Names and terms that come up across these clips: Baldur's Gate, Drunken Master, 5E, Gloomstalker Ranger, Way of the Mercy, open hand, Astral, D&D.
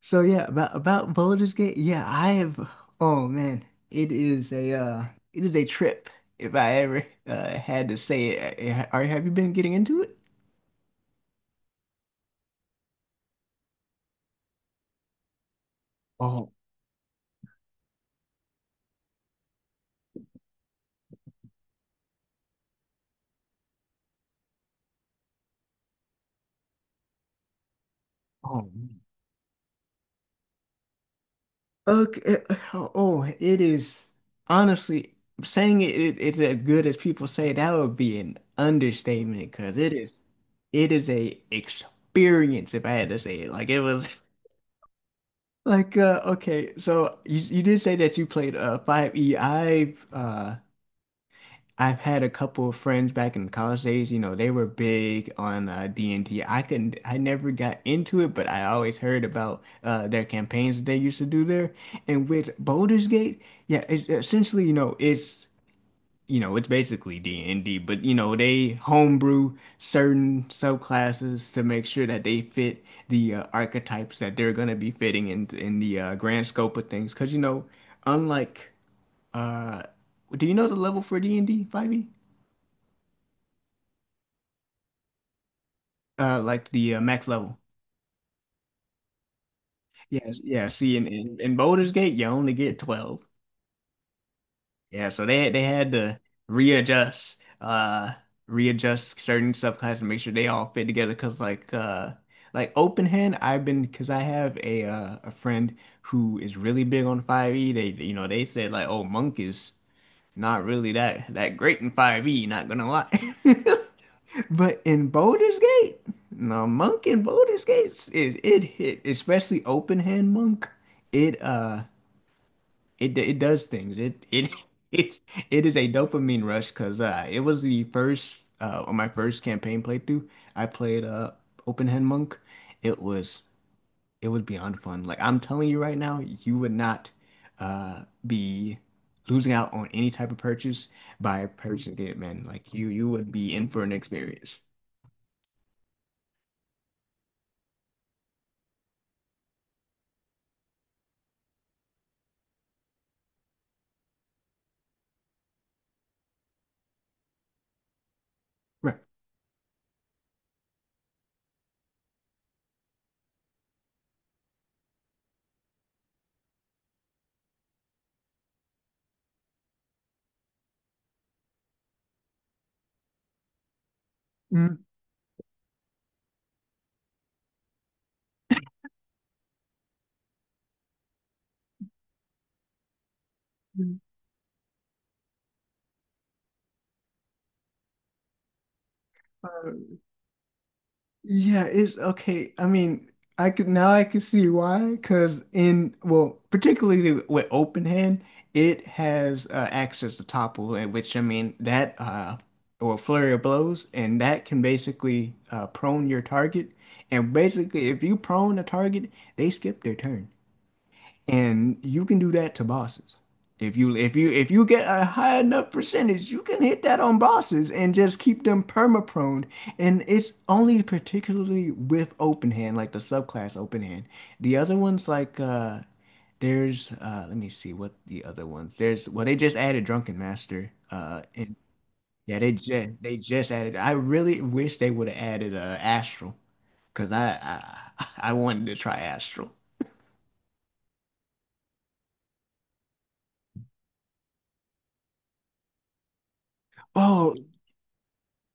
So yeah, about Baldur's Gate, yeah, I have. Oh man, it is a it is a trip. If I ever had to say it, are Have you been getting into it? Oh, oh, man. Okay. Oh, it is honestly saying it, it it's as good as people say. That would be an understatement, because it is a experience, if I had to say it. Like it was So you did say that you played 5E. I've had a couple of friends back in college days, you know. They were big on D and D. I never got into it, but I always heard about their campaigns that they used to do there. And with Baldur's Gate, yeah, it's essentially, you know, you know, it's basically D&D, but, you know, they homebrew certain subclasses to make sure that they fit the archetypes that they're going to be fitting in the grand scope of things. Because, you know, unlike, uh, do you know the level for D&D 5e? Like the max level. Yeah, yeah. See, in Baldur's Gate, you only get 12. Yeah, so they had to readjust, uh, readjust certain subclasses to make sure they all fit together. Cause like open hand, cause I have a friend who is really big on 5e. They, you know, they said like, oh, monk is not really that great in 5e. Not gonna lie. But in Baldur's Gate, no, monk in Baldur's Gate, it hit, especially open hand monk. It uh, it does things. It it it is a dopamine rush, because it was the first on my first campaign playthrough, I played open hand monk. It was it was beyond fun. Like I'm telling you right now, you would not be losing out on any type of purchase by purchasing it, man. Like you would be in for an experience. Right. Mm, yeah, it's okay. I mean, I could now I can see why. Because in well, particularly with open hand, it has access to topple, and which I mean that or flurry of blows, and that can basically prone your target. And basically, if you prone a target, they skip their turn. And you can do that to bosses. If you if you if you get a high enough percentage, you can hit that on bosses and just keep them perma-prone. And it's only particularly with open hand, like the subclass open hand. The other ones like there's let me see what the other ones. There's well, they just added Drunken Master. And yeah, they just added, I really wish they would have added Astral, because I I wanted to try Astral. Oh,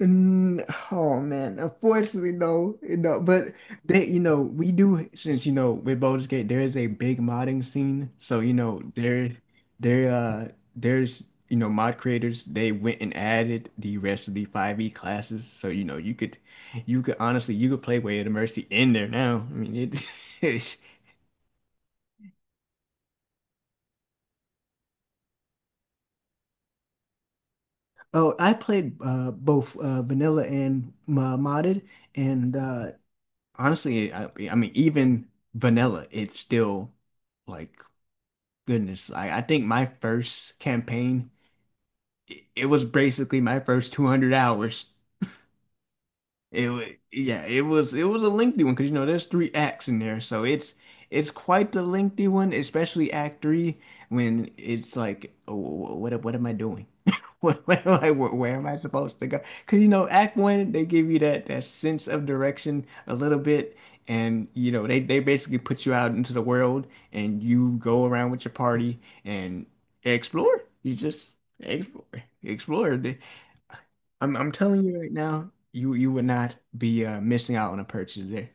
mm, oh man, unfortunately, no, you know, but you know, we do, since you know with Baldur's Gate, there is a big modding scene. So you know, there, uh, there's, you know, mod creators, they went and added the rest of the 5e classes. So you know, you could honestly, you could play Way of the Mercy in there now. It, oh, I played both vanilla and modded, and honestly, I mean, even vanilla, it's still like goodness. I think my first campaign, it was basically my first 200 hours. It wa- yeah, it was a lengthy one, because you know there's 3 acts in there, so it's quite the lengthy one, especially Act Three, when it's like, oh, what am I doing? What am I, where am I supposed to go? Because you know Act One, they give you that sense of direction a little bit, and you know they basically put you out into the world and you go around with your party and explore. You just explore, explore. I'm telling you right now, you would not be missing out on a purchase there.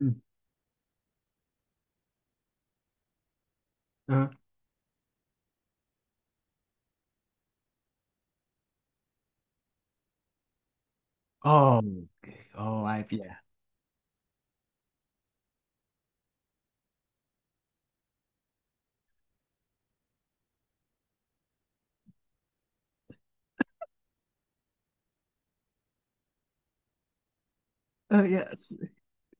Mm. Uh, oh, okay. Oh, I yeah. Oh yeah.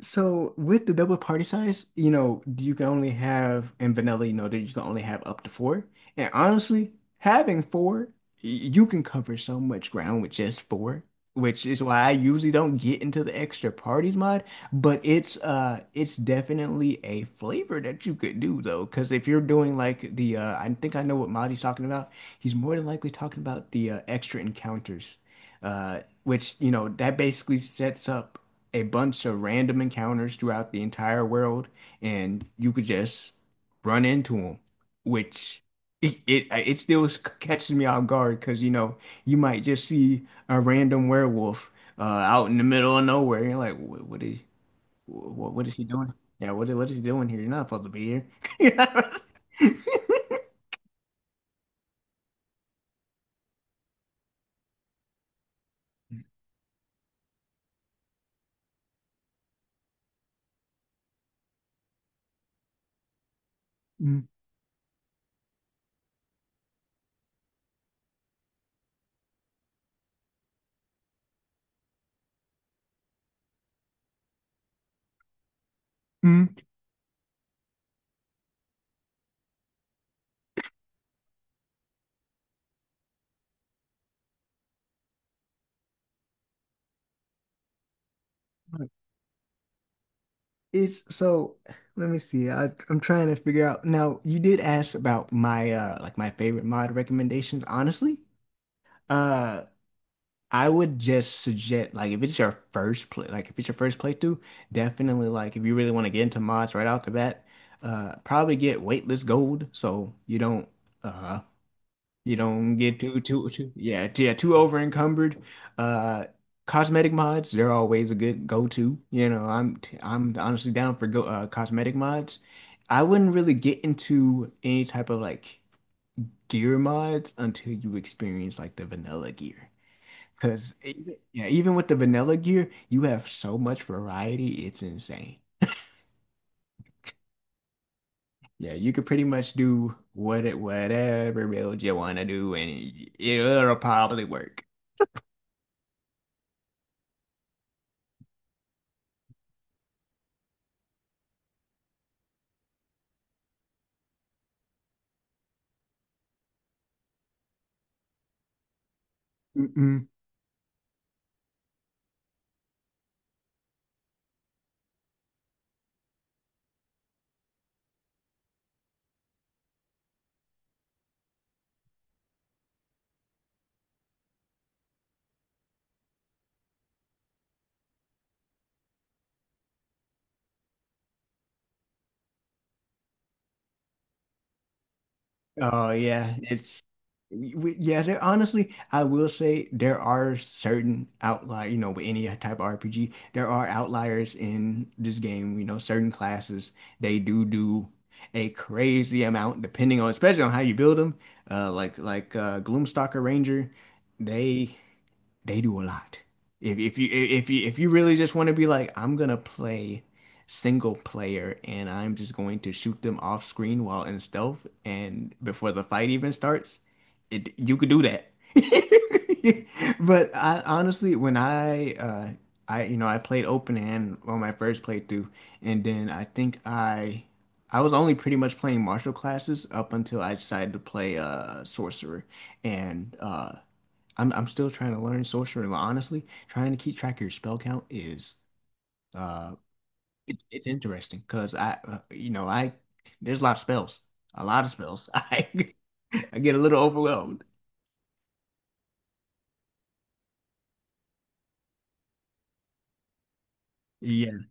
So with the double party size, you know, you can only have in vanilla, you know, that you can only have up to 4. And honestly, having 4, you can cover so much ground with just 4, which is why I usually don't get into the extra parties mod. But it's definitely a flavor that you could do though, because if you're doing like the I think I know what mod he's talking about. He's more than likely talking about the extra encounters, which you know, that basically sets up a bunch of random encounters throughout the entire world, and you could just run into them, which it still catches me off guard, because you know you might just see a random werewolf out in the middle of nowhere. You're like, what is what is he doing? Yeah, what is he doing here? You're not supposed to be here. Mm-hmm. It's so, let me see. I'm trying to figure out. Now, you did ask about my like my favorite mod recommendations. Honestly, uh I would just suggest like if it's your first play like if it's your first playthrough, definitely, like if you really want to get into mods right off the bat, probably get Weightless Gold so uh you don't get too yeah yeah too over encumbered. Uh, cosmetic mods, they're always a good go-to. You know, I'm honestly down for go cosmetic mods. I wouldn't really get into any type of like gear mods until you experience like the vanilla gear. Because yeah, even with the vanilla gear, you have so much variety, it's insane. Yeah, you could pretty much do whatever build you want to do, and it'll probably work. Oh yeah, it's yeah. There honestly, I will say there are certain outlier. You know, with any type of RPG, there are outliers in this game. You know, certain classes, they do do a crazy amount, depending on especially on how you build them. Gloomstalker Ranger, they they do a lot. If if you really just want to be like, I'm gonna play single player and I'm just going to shoot them off screen while in stealth and before the fight even starts, you could do that. But I honestly, when I you know, I played open hand on my first playthrough, and then I think I was only pretty much playing martial classes up until I decided to play sorcerer, and I'm still trying to learn sorcery. Like, honestly, trying to keep track of your spell count is uh, it's interesting, because I you know, I there's a lot of spells, a lot of spells. I get a little overwhelmed. Yeah.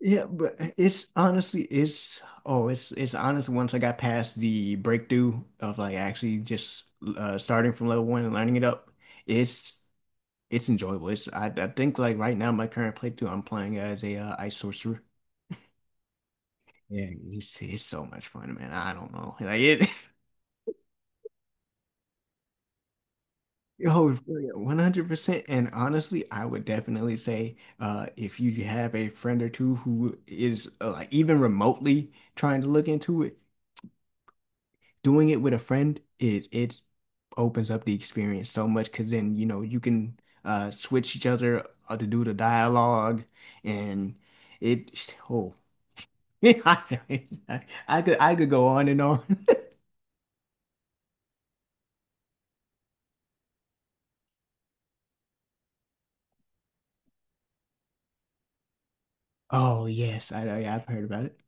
Yeah, but it's honestly it's oh it's honestly, once I got past the breakthrough of like actually just starting from level one and learning it up, it's it's enjoyable. I think like right now my current playthrough, I'm playing as a ice sorcerer. Yeah, it's so much fun, man. I don't know. Like yo, it's really 100%. And honestly, I would definitely say if you have a friend or two who is like even remotely trying to look into it, doing it with a friend, it opens up the experience so much, because then, you know, you can switch each other to do the dialogue and oh, I, I could go on and on. Oh, yes, I've heard about it.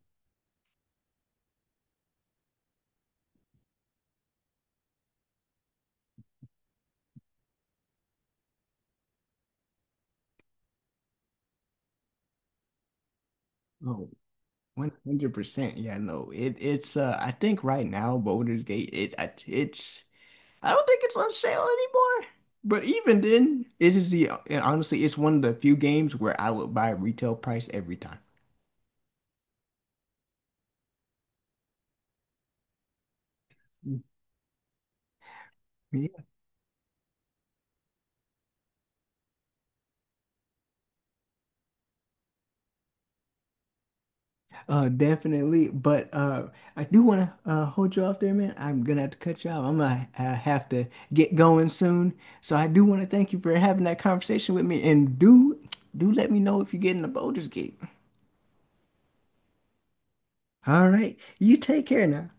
Oh, 100%. Yeah, no. It it's I think right now Baldur's Gate it it's, I don't think it's on sale anymore. But even then, it is the, and honestly it's one of the few games where I would buy retail price every time. Mm, yeah, definitely. But I do want to hold you off there, man. I'm gonna have to cut you off. I'm gonna have to get going soon. So I do want to thank you for having that conversation with me, and do let me know if you're getting the Baldur's Gate. All right. You take care now.